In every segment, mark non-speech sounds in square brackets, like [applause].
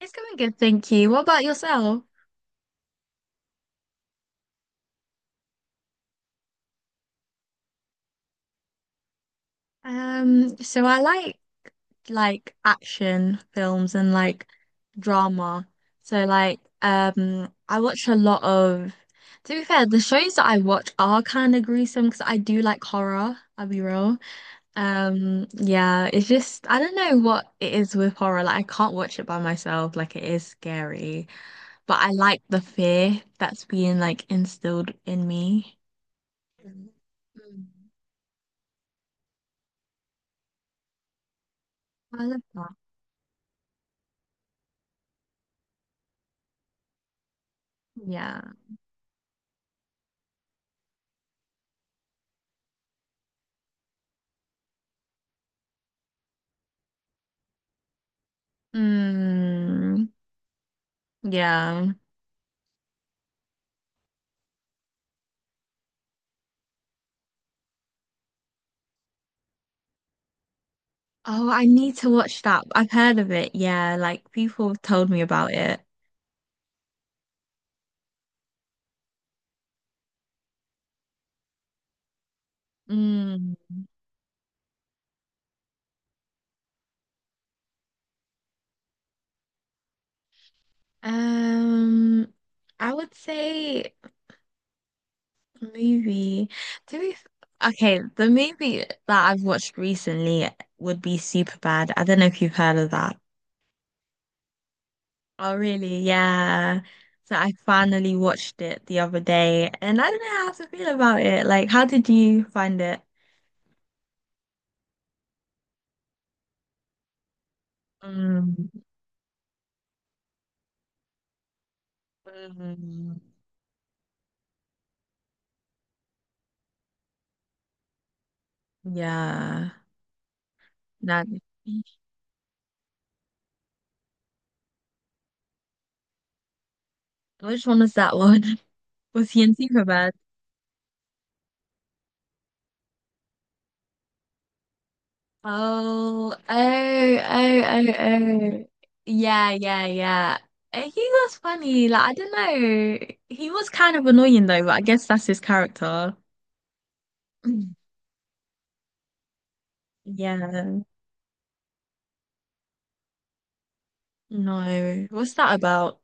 It's going good, thank you. What about yourself? So I like action films and drama. So I watch a lot of, to be fair, the shows that I watch are kind of gruesome because I do like horror, I'll be real. Yeah, it's just I don't know what it is with horror. Like, I can't watch it by myself, like it is scary. But I like the fear that's being like instilled in me. Mm. I love that. Yeah. Mm, yeah. Oh, I need to watch that. I've heard of it. Yeah, like people have told me about it. Mm. Um, I would say movie. To be f- okay, the movie that I've watched recently would be Superbad. I don't know if you've heard of that. Oh, really? Yeah. So I finally watched it the other day, and I don't know how to feel about it. Like, how did you find it? Mm. Mm, yeah, not. Which one was that one? [laughs] Was he in Superbad? [laughs] Oh, oh, oh, oh, oh. Yeah, yeah, yeah. He was funny. Like, I don't know. He was kind of annoying though, but I guess that's his character. [clears throat] Yeah. No. What's that about?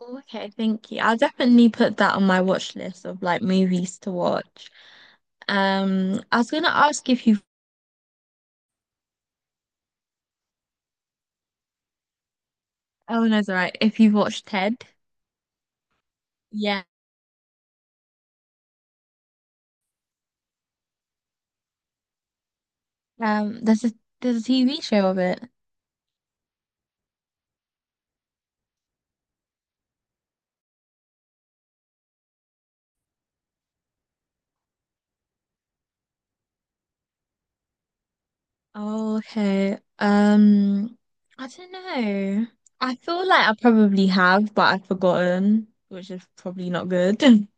Oh, okay, thank you. I'll definitely put that on my watch list of like movies to watch. I was gonna ask if you've— oh, no, it's all right. If you've watched Ted, yeah. Um, there's a TV show of it. Oh, okay. I don't know. I feel like I probably have, but I've forgotten, which is probably not good. [laughs]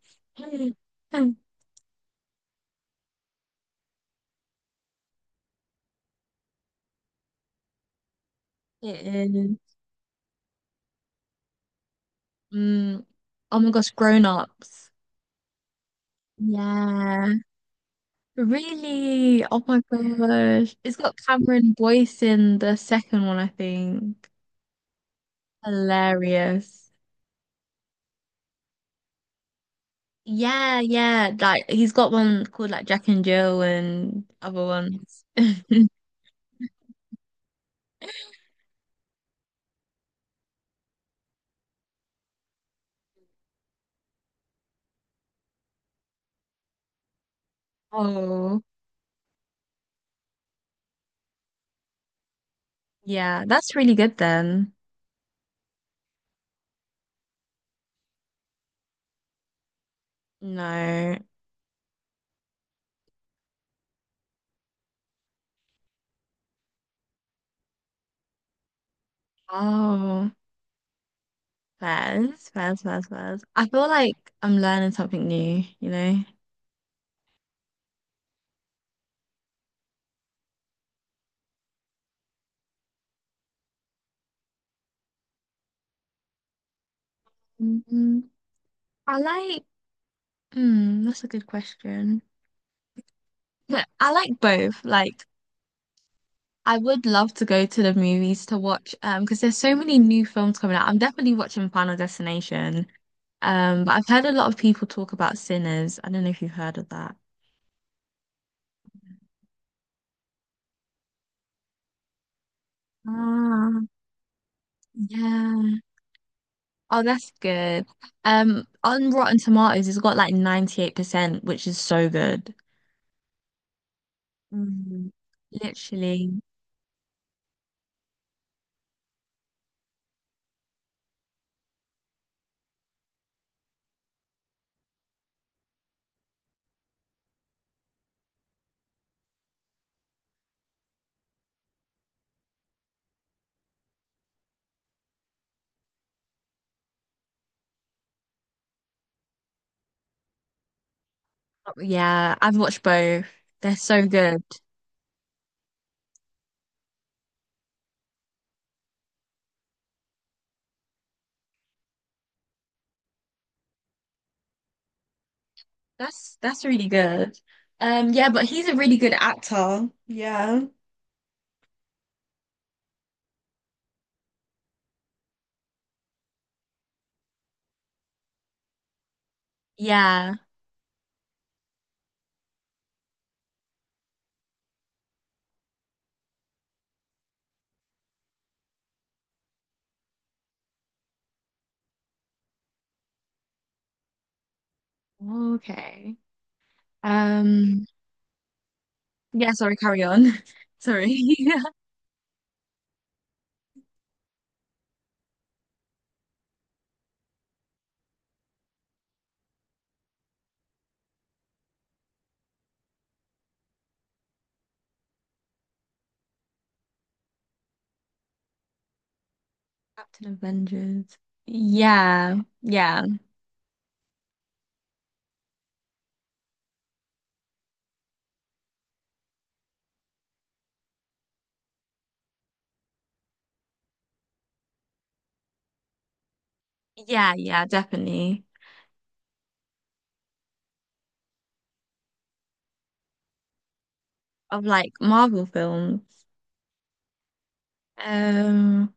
It is. Mm. Oh my gosh, Grown Ups. Yeah. Really? Oh my gosh. It's got Cameron Boyce in the second one, I think. Hilarious. Yeah, yeah. Like, he's got one called like Jack and Jill and other ones. [laughs] Oh, yeah. That's really good then. No. Oh, fairs, fairs, fairs, fairs. I feel like I'm learning something new, you know? mm I like— hmm, that's a good question. Yeah, I like both. Like, I would love to go to the movies to watch because there's so many new films coming out. I'm definitely watching Final Destination. But I've heard a lot of people talk about Sinners. I don't know if you've heard of that. Ah, yeah. Oh, that's good. On Rotten Tomatoes, it's got like 98%, which is so good. Mm. Literally. Yeah, I've watched both. They're so good. That's really good. Yeah, but he's a really good actor. Yeah. Yeah. Okay. Um, yeah, sorry, carry on. [laughs] Sorry. [laughs] Captain Avengers. Yeah, yeah, yeah, definitely. Of like Marvel films. Um,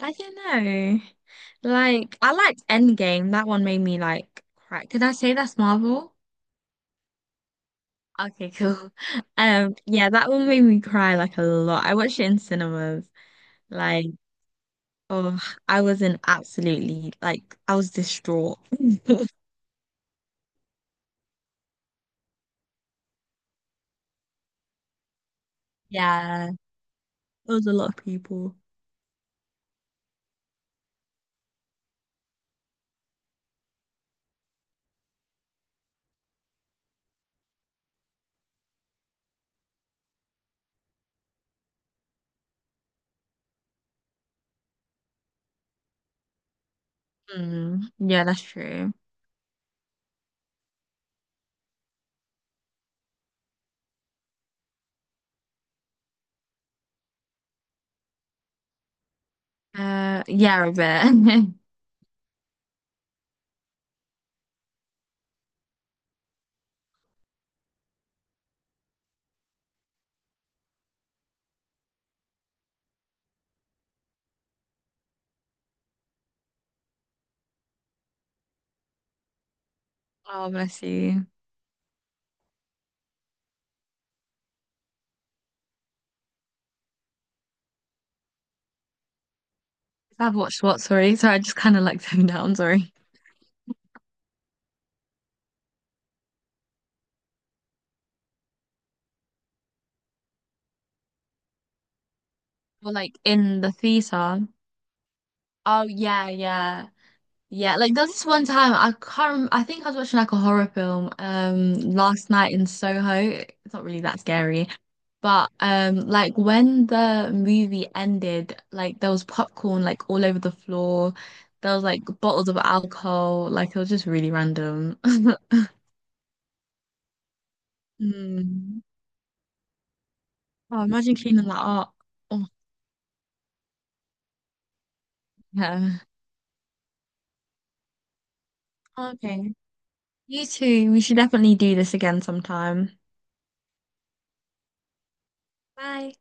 I don't know. Like, I liked Endgame. That one made me like cry. Could I say that's Marvel? Okay, cool. [laughs] Yeah, that one made me cry like a lot. I watched it in cinemas. Like, oh, I was in absolutely— like, I was distraught. [laughs] Yeah, it was a lot of people. Mm, yeah, that's true. Yeah, a bit. [laughs] Oh, bless you. I've watched what? Sorry, sorry, I just kind of like [laughs] zoned out. I'm sorry. Well, like in the theater. Oh yeah, yeah, yeah. Like, there's this one time I can't— Rem I think I was watching like a horror film last night in Soho. It's not really that scary. But like when the movie ended, like there was popcorn like all over the floor. There was like bottles of alcohol. Like, it was just really random. [laughs] Mm. Oh, imagine cleaning that up. Oh, yeah. Okay. You too. We should definitely do this again sometime. Bye.